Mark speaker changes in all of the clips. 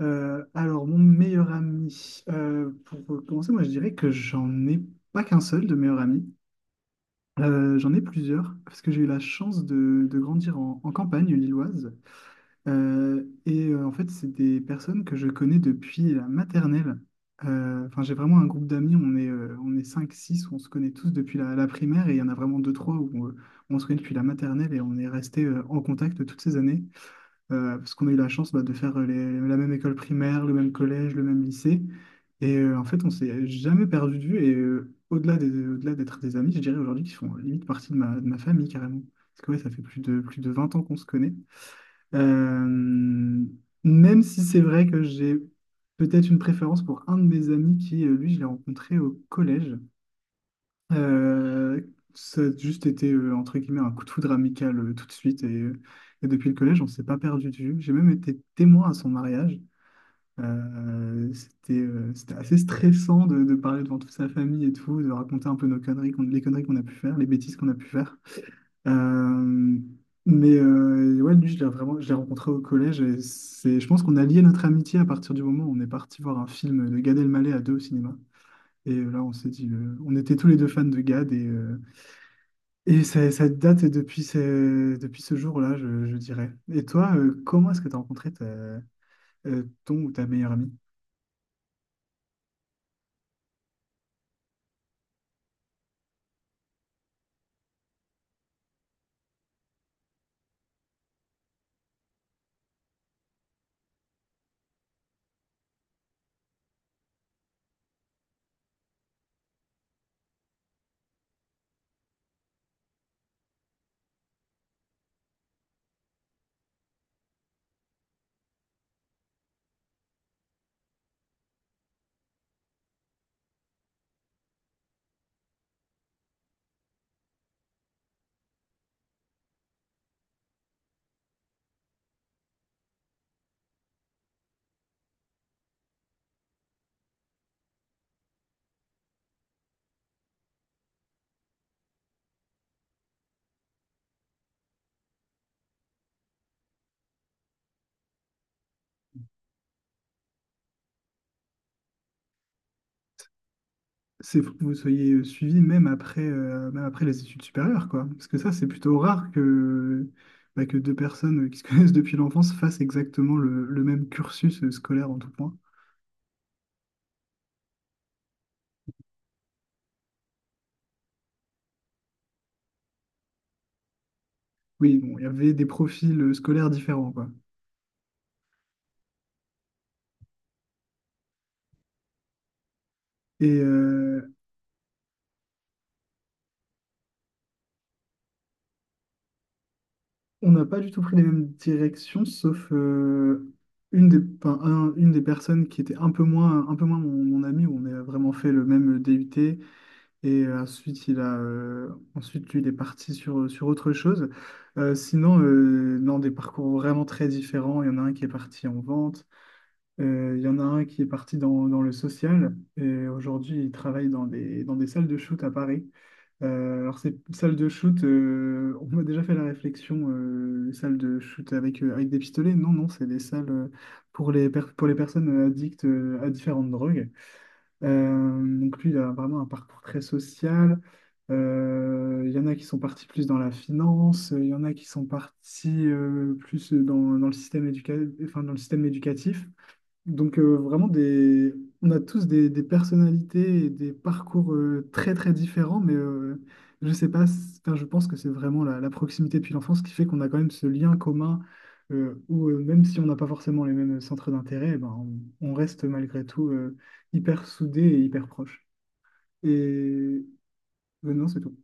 Speaker 1: Alors, mon meilleur ami, pour commencer, moi je dirais que j'en ai pas qu'un seul de meilleur ami. J'en ai plusieurs, parce que j'ai eu la chance de grandir en campagne lilloise. Et en fait, c'est des personnes que je connais depuis la maternelle. Enfin, j'ai vraiment un groupe d'amis, on est cinq six. On se connaît tous depuis la primaire, et il y en a vraiment deux trois où on se connaît depuis la maternelle et on est resté en contact toutes ces années parce qu'on a eu la chance bah, de faire la même école primaire, le même collège, le même lycée. Et en fait, on s'est jamais perdu de vue. Et au-delà d'être des amis, je dirais aujourd'hui qu'ils font limite partie de ma famille carrément. Parce que ouais, ça fait plus de 20 ans qu'on se connaît. Euh, Même si c'est vrai que j'ai peut-être une préférence pour un de mes amis lui, je l'ai rencontré au collège. Euh, Ça a juste été, entre guillemets, un coup de foudre amical tout de suite. Et depuis le collège, on s'est pas perdu de vue. J'ai même été témoin à son mariage. C'était assez stressant de parler devant toute sa famille et tout, de raconter un peu nos conneries, les conneries qu'on a pu faire, les bêtises qu'on a pu faire. Euh, mais ouais, lui, je l'ai rencontré au collège. Je pense qu'on a lié notre amitié à partir du moment où on est parti voir un film de Gad Elmaleh à deux au cinéma. Et là, on s'est dit, on était tous les deux fans de Gad et ça date depuis ce jour-là, je dirais. Et toi, comment est-ce que tu as rencontré ton ou ta meilleure amie? C'est faut que vous soyez suivis même après les études supérieures, quoi. Parce que ça, c'est plutôt rare que deux personnes qui se connaissent depuis l'enfance fassent exactement le même cursus scolaire en tout point. Oui, bon, il y avait des profils scolaires différents, quoi. Et, euh, On n'a pas du tout pris les mêmes directions, sauf enfin, une des personnes qui était un peu moins mon ami, où on a vraiment fait le même DUT, et ensuite, ensuite lui, il est parti sur autre chose. Sinon, non, des parcours vraiment très différents. Il y en a un qui est parti en vente, il y en a un qui est parti dans le social, et aujourd'hui, il travaille dans des salles de shoot à Paris. Alors, c'est salle de shoot, on m'a déjà fait la réflexion, salle de shoot avec des pistolets. Non, non, c'est des salles pour les personnes addictes à différentes drogues. Donc, lui, il a vraiment un parcours très social. Il y en a qui sont partis plus dans la finance, il y en a qui sont partis plus dans le système enfin, dans le système éducatif. Donc on a tous des personnalités et des parcours très très différents, mais je sais pas, enfin, je pense que c'est vraiment la proximité depuis l'enfance qui fait qu'on a quand même ce lien commun où même si on n'a pas forcément les mêmes centres d'intérêt, eh ben, on reste malgré tout hyper soudés et hyper proches. Et non, c'est tout.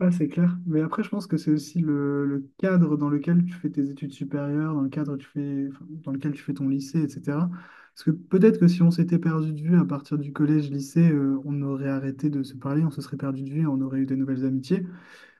Speaker 1: Ouais, c'est clair. Mais après, je pense que c'est aussi le cadre dans lequel tu fais tes études supérieures, dans le cadre tu fais, enfin, dans lequel tu fais ton lycée, etc. Parce que peut-être que si on s'était perdu de vue à partir du collège-lycée, on aurait arrêté de se parler, on se serait perdu de vue, on aurait eu des nouvelles amitiés.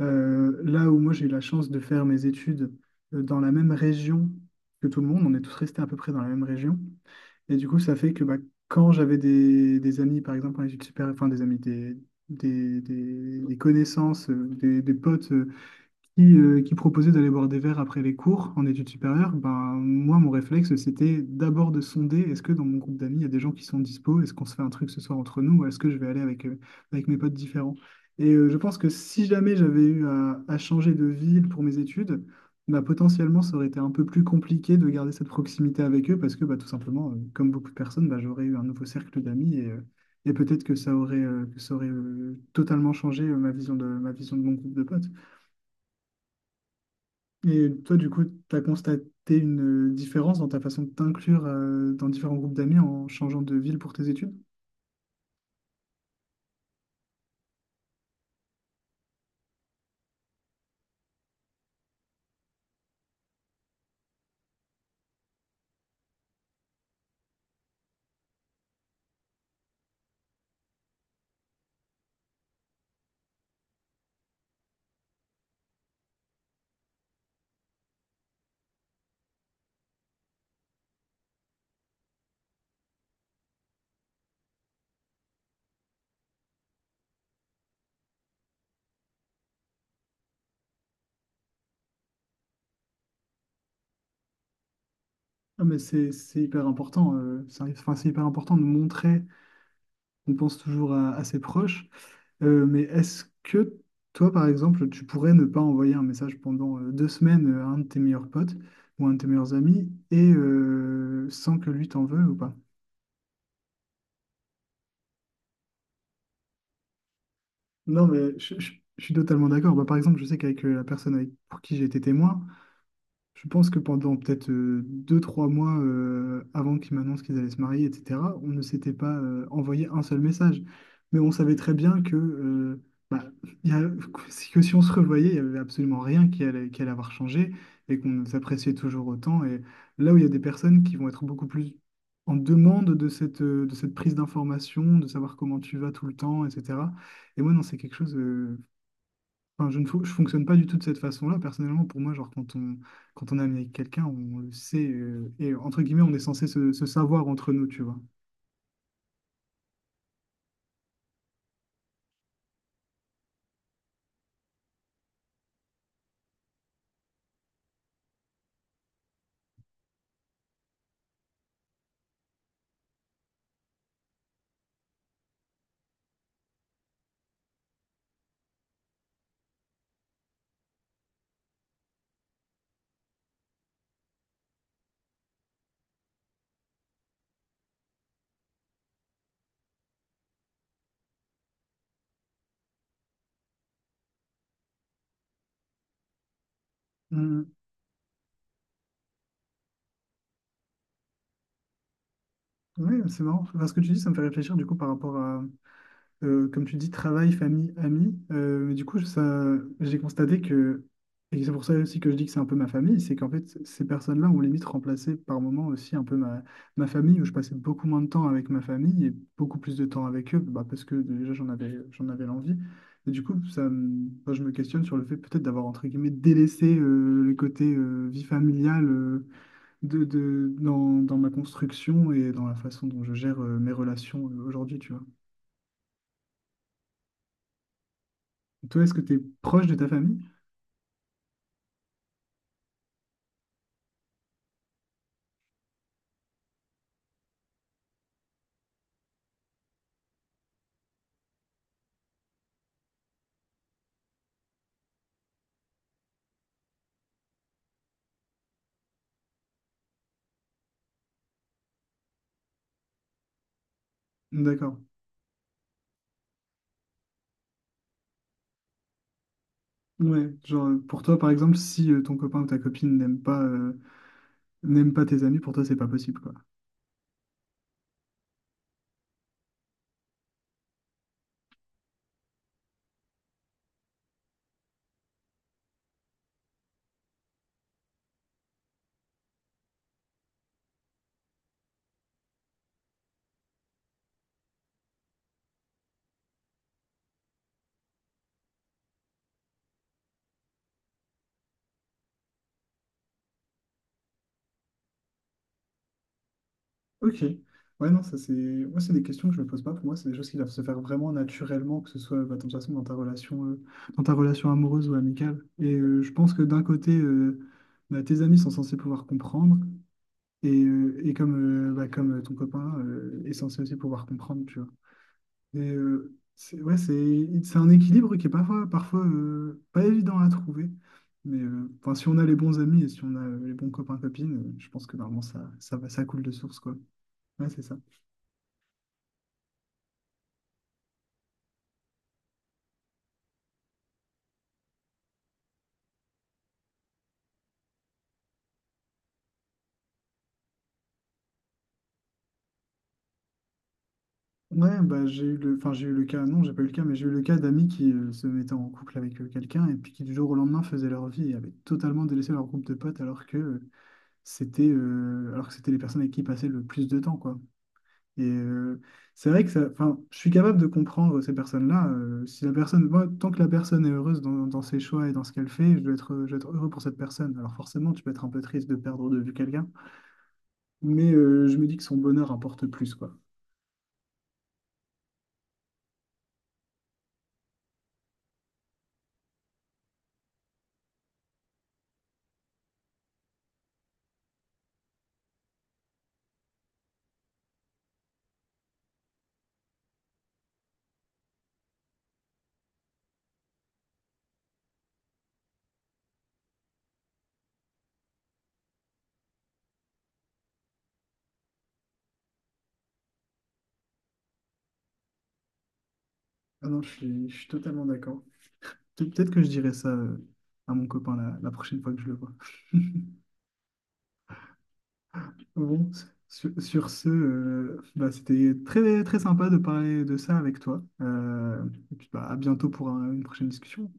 Speaker 1: Là où moi j'ai eu la chance de faire mes études dans la même région que tout le monde, on est tous restés à peu près dans la même région. Et du coup, ça fait que bah, quand j'avais des amis, par exemple, en études supérieures, enfin des amis, des connaissances, des potes qui proposait d'aller boire des verres après les cours en études supérieures, ben, moi, mon réflexe, c'était d'abord de sonder, est-ce que dans mon groupe d'amis, il y a des gens qui sont dispo? Est-ce qu'on se fait un truc ce soir entre nous ou est-ce que je vais aller avec mes potes différents? Et je pense que si jamais j'avais eu à changer de ville pour mes études, bah, potentiellement, ça aurait été un peu plus compliqué de garder cette proximité avec eux parce que bah, tout simplement, comme beaucoup de personnes, bah, j'aurais eu un nouveau cercle d'amis et peut-être que ça aurait totalement changé ma vision de mon groupe de potes. Et toi, du coup, tu as constaté une différence dans ta façon de t'inclure dans différents groupes d'amis en changeant de ville pour tes études? Ah, mais c'est hyper important. C'est Enfin, c'est hyper important de montrer qu'on pense toujours à ses proches. Mais est-ce que toi, par exemple, tu pourrais ne pas envoyer un message pendant 2 semaines à un de tes meilleurs potes ou un de tes meilleurs amis et sans que lui t'en veuille ou pas? Non, mais je suis totalement d'accord. Bah, par exemple, je sais qu'avec la personne pour qui j'ai été témoin. Je pense que pendant peut-être 2, 3 mois avant qu'ils m'annoncent qu'ils allaient se marier, etc., on ne s'était pas envoyé un seul message. Mais on savait très bien que, bah, il y a- que si on se revoyait, il n'y avait absolument rien qui allait avoir changé et qu'on s'appréciait toujours autant. Et là où il y a des personnes qui vont être beaucoup plus en demande de cette prise d'information, de savoir comment tu vas tout le temps, etc. Et moi, non, c'est quelque chose. Enfin, je fonctionne pas du tout de cette façon-là. Personnellement, pour moi, genre, quand on est ami avec quelqu'un, on le sait. Et entre guillemets, on est censé se savoir entre nous, tu vois. Oui, c'est marrant. Enfin, ce que tu dis, ça me fait réfléchir du coup par rapport à, comme tu dis, travail, famille, amis. Mais du coup, ça, j'ai constaté que, et c'est pour ça aussi que je dis que c'est un peu ma famille, c'est qu'en fait, ces personnes-là ont limite remplacé par moments aussi un peu ma famille, où je passais beaucoup moins de temps avec ma famille et beaucoup plus de temps avec eux, bah, parce que déjà, j'en avais l'envie. Et du coup, enfin, je me questionne sur le fait peut-être d'avoir, entre guillemets, délaissé le côté vie familiale dans ma construction et dans la façon dont je gère mes relations aujourd'hui, tu vois. Toi, est-ce que t'es proche de ta famille? D'accord. Ouais, genre pour toi par exemple, si ton copain ou ta copine n'aime pas tes amis, pour toi c'est pas possible quoi. Ok. Ouais, non, ça c'est. Moi, c'est des questions que je me pose pas. Pour moi, c'est des choses qui doivent se faire vraiment naturellement, que ce soit bah, de toute façon dans ta relation amoureuse ou amicale. Et je pense que d'un côté, bah, tes amis sont censés pouvoir comprendre, bah, comme ton copain est censé aussi pouvoir comprendre, tu vois. Et c'est, ouais, c'est un équilibre qui est parfois pas évident à trouver. Mais enfin, si on a les bons amis et si on a les bons copains, copines, je pense que normalement ça coule de source, quoi. Ouais, c'est ça. Ouais, bah, enfin, j'ai eu le cas, non, j'ai pas eu le cas, mais j'ai eu le cas d'amis qui se mettaient en couple avec quelqu'un et puis qui du jour au lendemain faisaient leur vie et avaient totalement délaissé leur groupe de potes alors que c'était les personnes avec qui ils passaient le plus de temps, quoi. Et c'est vrai que ça, enfin, je suis capable de comprendre ces personnes-là. Si la personne, moi, tant que la personne est heureuse dans ses choix et dans ce qu'elle fait, je dois être heureux pour cette personne. Alors forcément, tu peux être un peu triste de perdre de vue quelqu'un, mais je me dis que son bonheur importe plus, quoi. Ah non, je suis totalement d'accord. Peut-être que je dirai ça à mon copain la prochaine fois que je le vois. Bon, sur ce, bah, c'était très, très sympa de parler de ça avec toi. Et puis, bah, à bientôt pour une prochaine discussion.